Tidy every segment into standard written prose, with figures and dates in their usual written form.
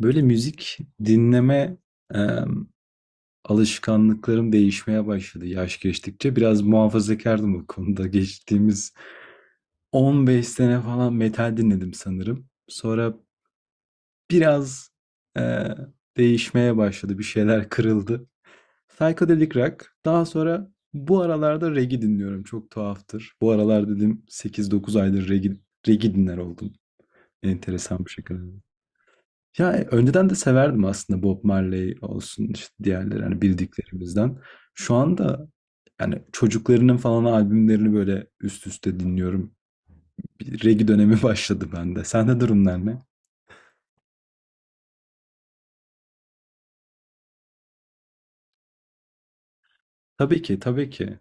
Böyle müzik dinleme, emm, alışkanlıklarım değişmeye başladı yaş geçtikçe. Biraz muhafazakardım bu konuda. Geçtiğimiz 15 sene falan metal dinledim sanırım. Sonra biraz, eee, değişmeye başladı, bir şeyler kırıldı. Psychedelic rock, daha sonra bu aralarda reggae dinliyorum, çok tuhaftır. Bu aralar dedim 8-9 aydır reggae dinler oldum enteresan bir şekilde. Ya önceden de severdim aslında, Bob Marley olsun işte diğerleri hani bildiklerimizden. Şu anda yani çocuklarının falan albümlerini böyle üst üste dinliyorum. Bir reggae dönemi başladı bende. Sende durumlar ne? Tabii ki, tabii ki.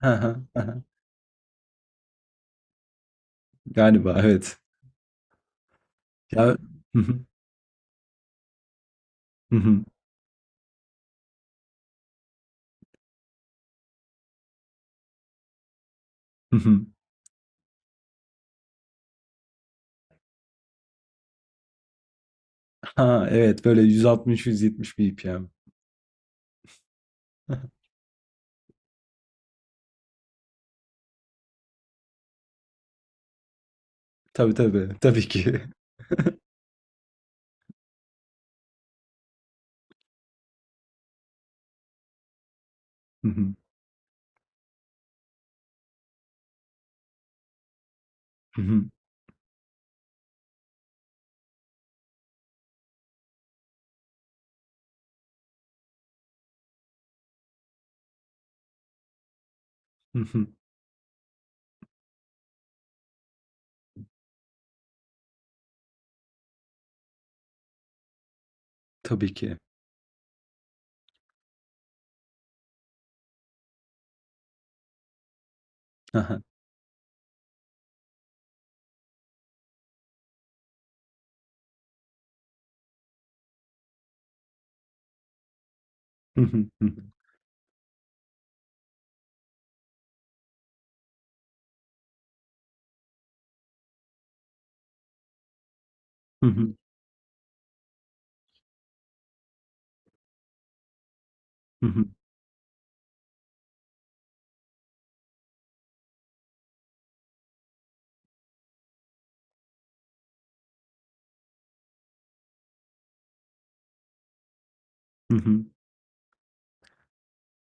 Galiba evet. Ya ha evet böyle 160-170 BPM. Tabii tabii, tabii ki. Tabii ki.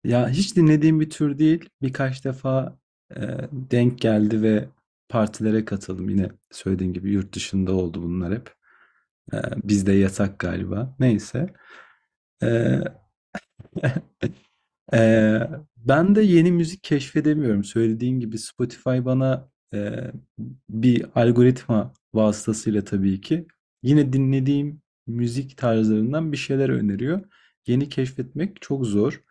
Ya hiç dinlediğim bir tür değil. Birkaç defa e, denk geldi ve partilere katıldım. Yine söylediğim gibi yurt dışında oldu bunlar hep. E, bizde yasak galiba. Neyse. E, e, ben de yeni müzik keşfedemiyorum. Söylediğim gibi Spotify bana, bir algoritma vasıtasıyla tabii ki yine dinlediğim müzik tarzlarından bir şeyler öneriyor. Yeni keşfetmek çok zor.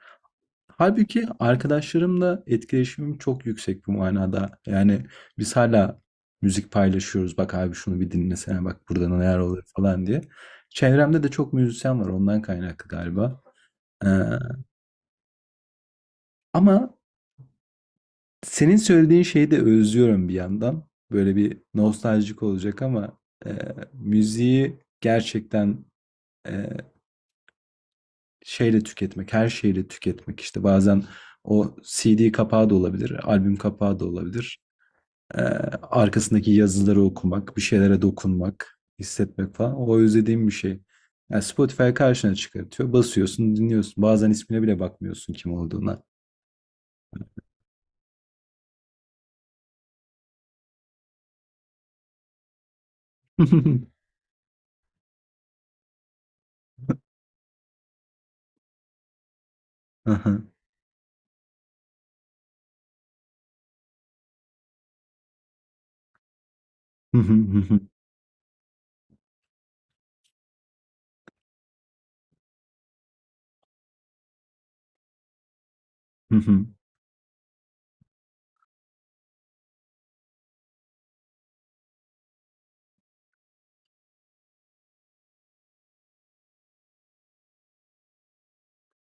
Halbuki arkadaşlarımla etkileşimim çok yüksek bu manada. Yani biz hala müzik paylaşıyoruz. Bak abi şunu bir dinlesene, bak burada neler oluyor falan diye. Çevremde de çok müzisyen var, ondan kaynaklı galiba. Ee, ama senin söylediğin şeyi de özlüyorum bir yandan. Böyle bir nostaljik olacak ama e, müziği gerçekten, e, şeyle tüketmek, her şeyle tüketmek, işte bazen o CD kapağı da olabilir, albüm kapağı da olabilir. Ee, arkasındaki yazıları okumak, bir şeylere dokunmak, hissetmek falan. O özlediğim bir şey. Yani Spotify karşına çıkartıyor. Basıyorsun, dinliyorsun. Bazen ismine bile bakmıyorsun kim olduğuna. Aha.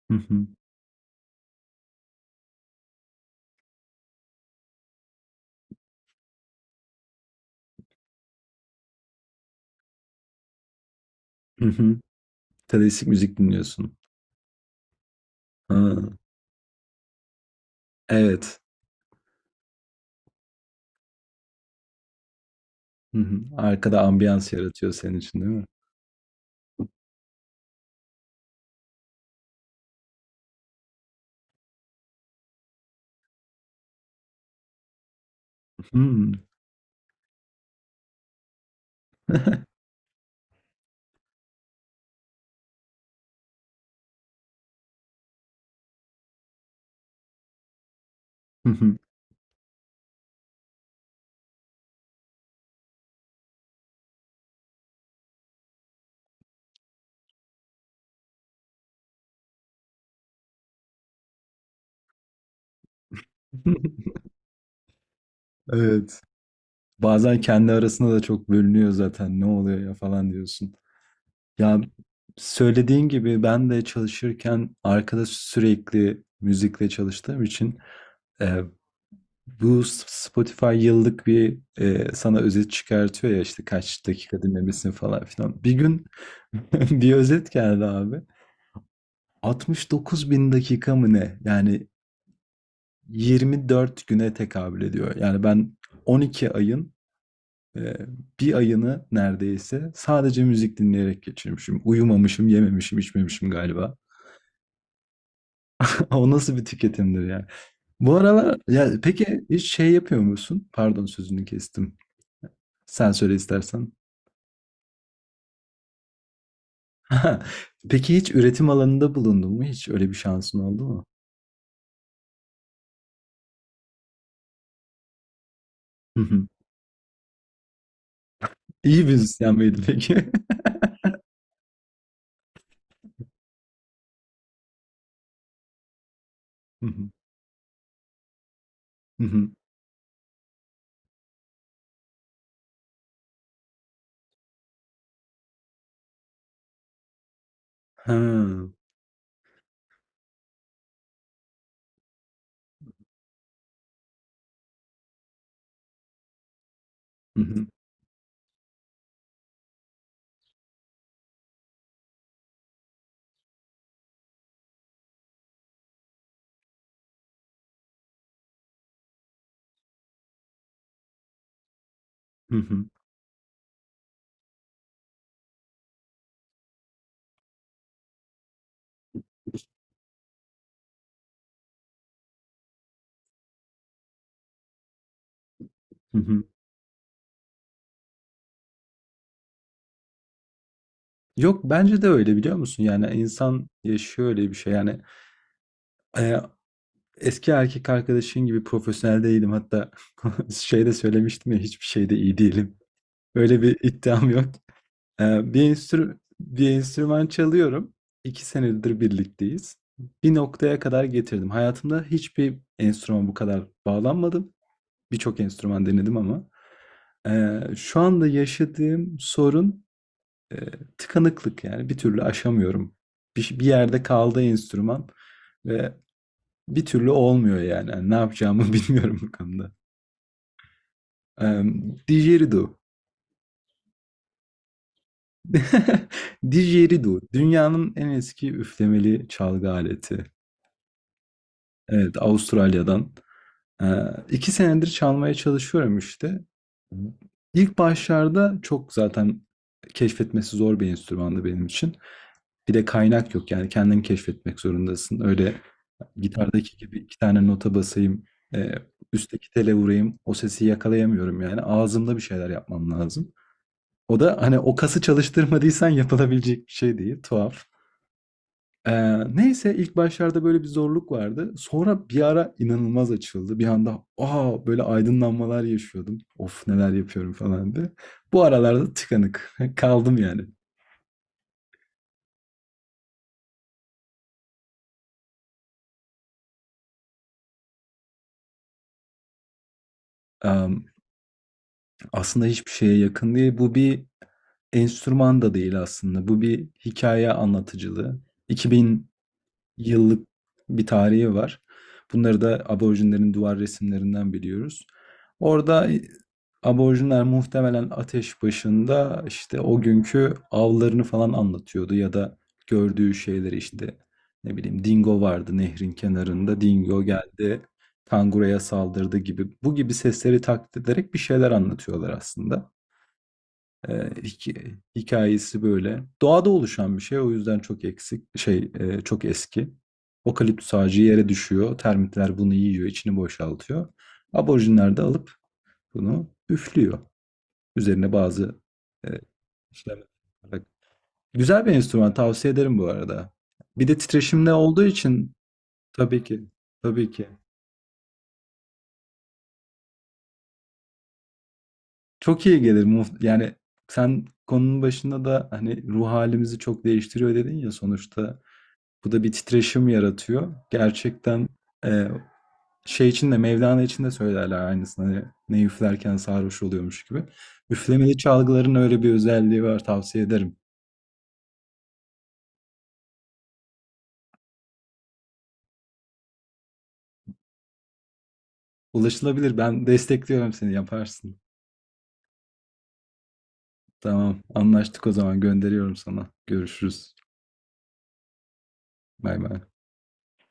Klasik müzik dinliyorsun. Ha, evet. Hı hı. Arkada ambiyans yaratıyor senin için değil mi? Hmm. Evet. Bazen kendi arasında da çok bölünüyor zaten. Ne oluyor ya falan diyorsun. Ya söylediğin gibi ben de çalışırken arkada sürekli müzikle çalıştığım için e, bu Spotify yıllık bir, sana özet çıkartıyor ya işte kaç dakika dinlemesin falan filan. Bir gün bir özet geldi abi. 69 bin dakika mı ne? Yani 24 güne tekabül ediyor. Yani ben 12 ayın, e, bir ayını neredeyse sadece müzik dinleyerek geçirmişim. Uyumamışım, yememişim, içmemişim galiba. O nasıl bir tüketimdir ya? Bu aralar ya, peki hiç şey yapıyor musun? Pardon sözünü kestim. Sen söyle istersen. Peki hiç üretim alanında bulundun mu? Hiç öyle bir şansın oldu mu? Hı hı. İyi müzisyen miydin peki? Hı hı. Hı hı. Ha. Hı hı. Hı hı. Hı hı. Yok bence de öyle, biliyor musun? Yani insan yaşıyor öyle bir şey. Yani e, eski erkek arkadaşın gibi profesyonel değilim. Hatta şeyde söylemiştim ya, hiçbir şeyde iyi değilim. Öyle bir iddiam yok. Bir bir enstrüman çalıyorum. 2 senedir birlikteyiz. Bir noktaya kadar getirdim. Hayatımda hiçbir enstrümana bu kadar bağlanmadım. Birçok enstrüman denedim ama. Şu anda yaşadığım sorun, eee, tıkanıklık, yani bir türlü aşamıyorum. Bir yerde kaldı enstrüman ve bir türlü olmuyor yani. Hani, ne yapacağımı bilmiyorum bu konuda. Didgeridoo. Didgeridoo. Dünyanın en eski üflemeli çalgı aleti. Evet, Avustralya'dan. Ee, iki senedir çalmaya çalışıyorum işte. Hı. İlk başlarda çok zaten keşfetmesi zor bir enstrümandı benim için. Bir de kaynak yok, yani kendin keşfetmek zorundasın. Öyle gitardaki gibi iki tane nota basayım, e, üstteki tele vurayım, o sesi yakalayamıyorum yani. Ağzımda bir şeyler yapmam lazım. O da hani o kası çalıştırmadıysan yapılabilecek bir şey değil. Tuhaf. Neyse, ilk başlarda böyle bir zorluk vardı. Sonra bir ara inanılmaz açıldı. Bir anda aa böyle aydınlanmalar yaşıyordum. Of neler yapıyorum falan diye. Bu aralarda tıkanık kaldım yani. Am, aslında hiçbir şeye yakın değil. Bu bir enstrüman da değil aslında. Bu bir hikaye anlatıcılığı. Yıllık bir tarihi var. Bunları da aborjinlerin duvar resimlerinden biliyoruz. Orada aborjinler muhtemelen ateş başında işte o günkü avlarını falan anlatıyordu ya da gördüğü şeyleri işte, ne bileyim, dingo vardı nehrin kenarında, dingo geldi kanguruya saldırdı gibi, bu gibi sesleri taklit ederek bir şeyler anlatıyorlar aslında. E, hikayesi böyle. Doğada oluşan bir şey, o yüzden çok eksik şey, çok eski. Okaliptüs ağacı yere düşüyor. Termitler bunu yiyor, içini boşaltıyor. Aborjinler de alıp bunu üflüyor. Üzerine bazı e, işlemler yaparak. Güzel bir enstrüman, tavsiye ederim bu arada. Bir de titreşimde olduğu için tabii ki, tabii ki çok iyi gelir. Yani sen konunun başında da hani ruh halimizi çok değiştiriyor dedin ya, sonuçta bu da bir titreşim yaratıyor. Gerçekten e, şey için de, Mevlana için de söylerler aynısını. Hani ne üflerken sarhoş oluyormuş gibi. Üflemeli çalgıların öyle bir özelliği var, tavsiye ederim. Ulaşılabilir. Ben destekliyorum, seni yaparsın. Tamam, anlaştık o zaman, gönderiyorum sana. Görüşürüz. Bay bay.